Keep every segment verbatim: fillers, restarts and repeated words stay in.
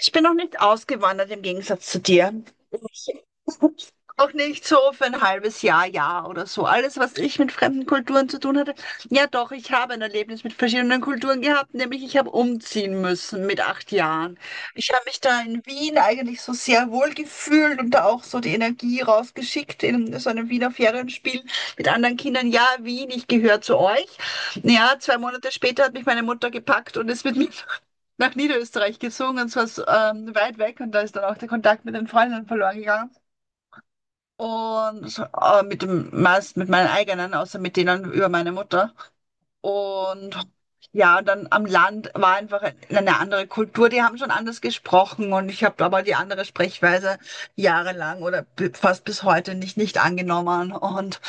Ich bin noch nicht ausgewandert im Gegensatz zu dir. Auch nicht so für ein halbes Jahr, ja oder so. Alles, was ich mit fremden Kulturen zu tun hatte. Ja, doch, ich habe ein Erlebnis mit verschiedenen Kulturen gehabt, nämlich ich habe umziehen müssen mit acht Jahren. Ich habe mich da in Wien eigentlich so sehr wohl gefühlt und da auch so die Energie rausgeschickt in so einem Wiener Ferienspiel mit anderen Kindern. Ja, Wien, ich gehöre zu euch. Ja, zwei Monate später hat mich meine Mutter gepackt und ist mit mir nach Niederösterreich gezogen, und zwar ähm, weit weg, und da ist dann auch der Kontakt mit den Freunden verloren gegangen. Und äh, mit dem meist mit meinen eigenen, außer mit denen über meine Mutter. Und ja, und dann am Land war einfach eine andere Kultur. Die haben schon anders gesprochen, und ich habe aber die andere Sprechweise jahrelang oder bi- fast bis heute nicht, nicht angenommen. Und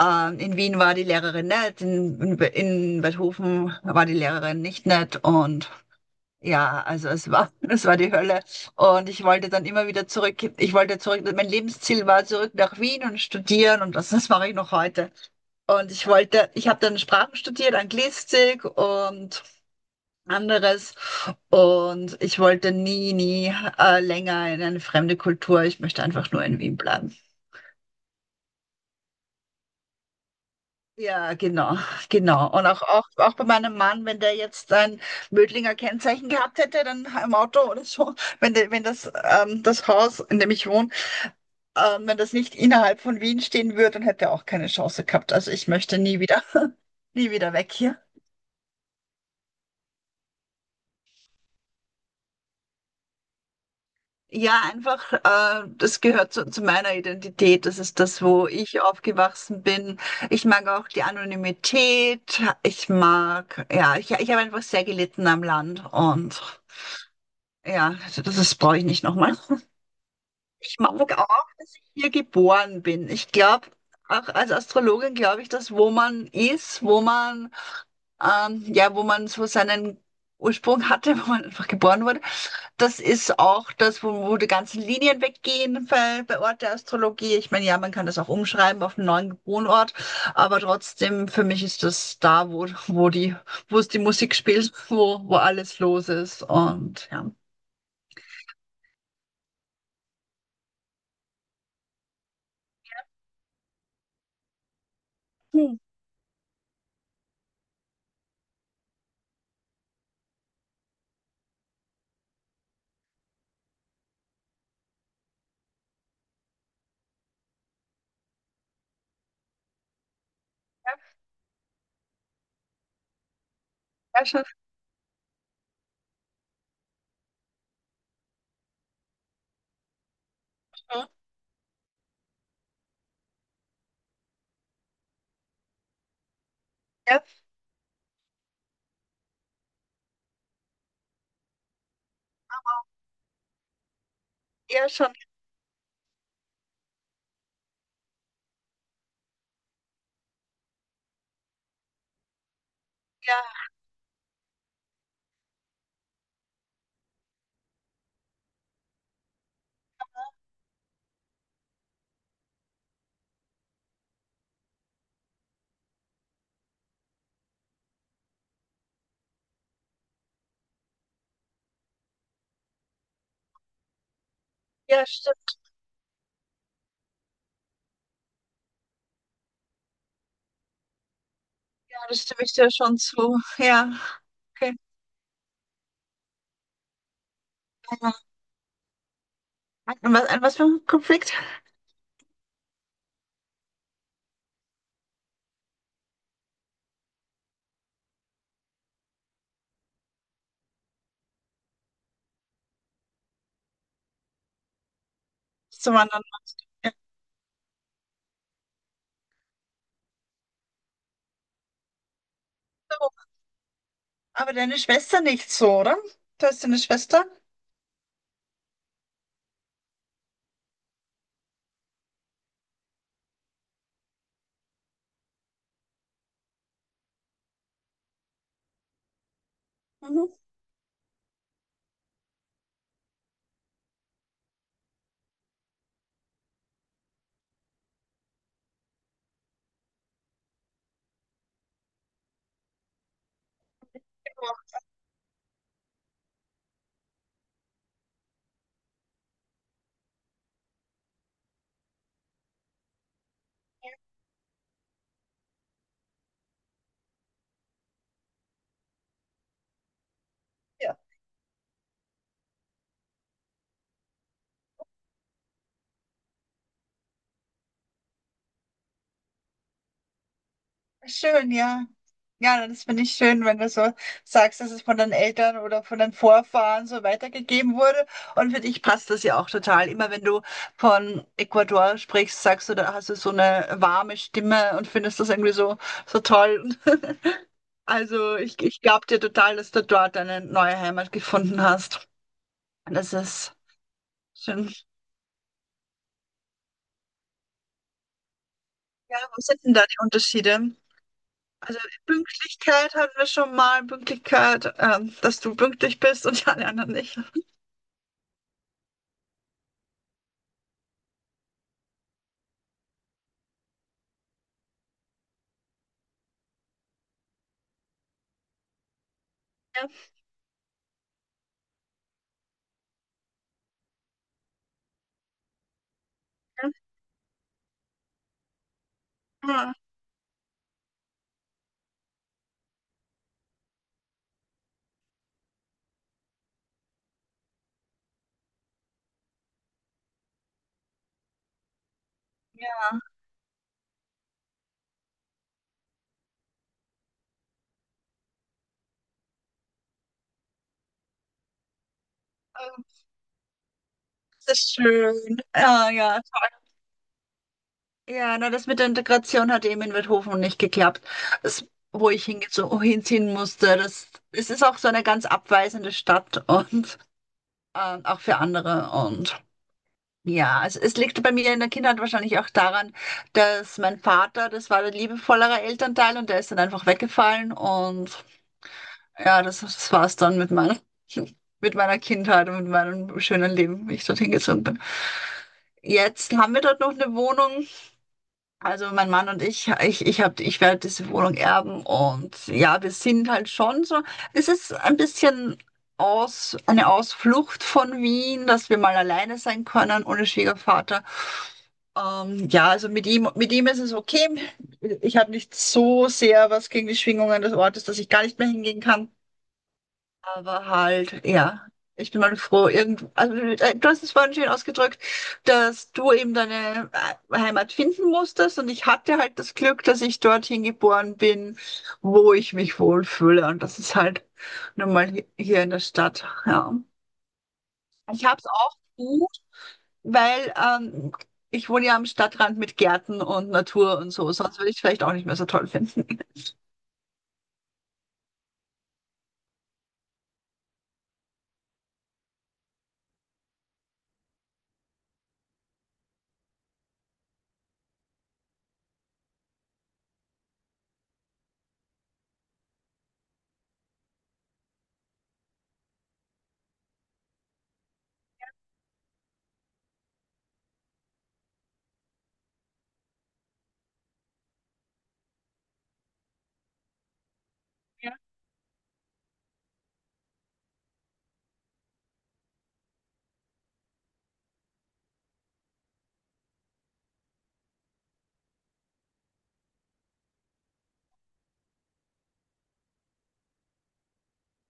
ähm, in Wien war die Lehrerin nett, in, in, in Beethoven war die Lehrerin nicht nett, und ja, also es war, es war die Hölle. Und ich wollte dann immer wieder zurück. Ich wollte zurück. Mein Lebensziel war zurück nach Wien und studieren, und das, das mache ich noch heute. Und ich wollte, ich habe dann Sprachen studiert, Anglistik und anderes. Und ich wollte nie, nie äh, länger in eine fremde Kultur. Ich möchte einfach nur in Wien bleiben. Ja, genau, genau. Und auch, auch, auch bei meinem Mann, wenn der jetzt ein Mödlinger Kennzeichen gehabt hätte, dann im Auto oder so, wenn, der, wenn das, ähm, das Haus, in dem ich wohne, ähm, wenn das nicht innerhalb von Wien stehen würde, dann hätte er auch keine Chance gehabt. Also ich möchte nie wieder, nie wieder weg hier. Ja, einfach, äh, das gehört zu, zu meiner Identität. Das ist das, wo ich aufgewachsen bin. Ich mag auch die Anonymität. Ich mag, ja, ich, ich habe einfach sehr gelitten am Land. Und ja, also das ist, brauche ich nicht nochmal. Ich mag auch, dass ich hier geboren bin. Ich glaube, auch als Astrologin glaube ich, dass wo man ist, wo man, ähm, ja, wo man so seinen Ursprung hatte, wo man einfach geboren wurde, das ist auch das, wo, wo die ganzen Linien weggehen bei, bei Ort der Astrologie. Ich meine, ja, man kann das auch umschreiben auf einen neuen Wohnort, aber trotzdem, für mich ist das da, wo, wo die, wo es die Musik spielt, wo, wo alles los ist, und ja. Hm. Ja, sehr schön. Mhm. Ja, ja, schon, ja, ja, stimmt, ja, das stimme ich dir schon zu. Ja, okay. Ja. An was, an was für ein Konflikt, zu wandern? Ja. So, aber deine Schwester nicht so, oder? Du hast eine Schwester? Mhm. Ja. Schön, ja. Ja, das finde ich schön, wenn du so sagst, dass es von den Eltern oder von den Vorfahren so weitergegeben wurde. Und für dich passt das ja auch total. Immer wenn du von Ecuador sprichst, sagst du, da hast du so eine warme Stimme und findest das irgendwie so, so toll. Also ich, ich glaube dir total, dass du dort eine neue Heimat gefunden hast. Und das ist schön. Ja, was sind denn da die Unterschiede? Also Pünktlichkeit hatten wir schon mal, Pünktlichkeit, ähm, dass du pünktlich bist und ja, die alle anderen nicht. Mhm. Ja, ähm, das ist schön. Ja, ja. Ja, na, das mit der Integration hat eben in Wildhofen nicht geklappt. Das, wo ich hingezo- hinziehen musste, das, es ist auch so eine ganz abweisende Stadt, und ähm, auch für andere. Und ja, es, es liegt bei mir in der Kindheit wahrscheinlich auch daran, dass mein Vater, das war der liebevollere Elternteil, und der ist dann einfach weggefallen. Und ja, das, das war es dann mit meiner, mit meiner Kindheit und mit meinem schönen Leben, wie ich dorthin gezogen bin. Jetzt haben wir dort noch eine Wohnung. Also mein Mann und ich, ich, ich hab, ich werde diese Wohnung erben, und ja, wir sind halt schon so. Es ist ein bisschen aus, eine Ausflucht von Wien, dass wir mal alleine sein können ohne Schwiegervater. Ähm, ja, also mit ihm, mit ihm ist es okay. Ich habe nicht so sehr was gegen die Schwingungen des Ortes, dass ich gar nicht mehr hingehen kann. Aber halt, ja, ich bin mal froh, irgend, also, äh, du hast es vorhin schön ausgedrückt, dass du eben deine äh, Heimat finden musstest, und ich hatte halt das Glück, dass ich dorthin geboren bin, wo ich mich wohlfühle, und das ist halt nun mal hi- hier in der Stadt, ja. Ich habe es auch gut, weil ähm, ich wohne ja am Stadtrand mit Gärten und Natur und so, sonst würde ich es vielleicht auch nicht mehr so toll finden.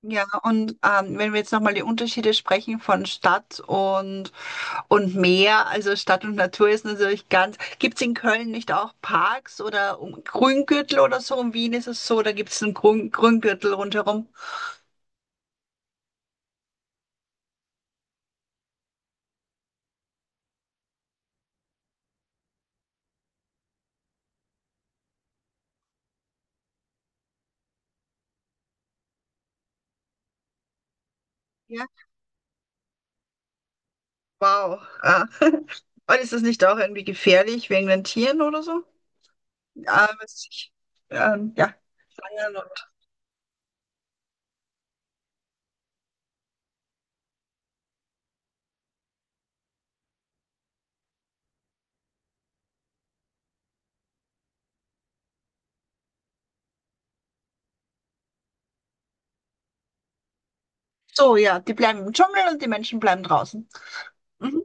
Ja, und ähm, wenn wir jetzt nochmal die Unterschiede sprechen von Stadt und, und Meer, also Stadt und Natur ist natürlich ganz, gibt's in Köln nicht auch Parks oder um, Grüngürtel oder so? In Wien ist es so, da gibt's einen Grün, Grüngürtel rundherum. Ja, wow. Ah. Und ist das nicht auch irgendwie gefährlich wegen den Tieren oder so? Ah, was weiß ich, ähm, ja, Schlangen oder- so, ja, die bleiben im Dschungel und die Menschen bleiben draußen. Mhm.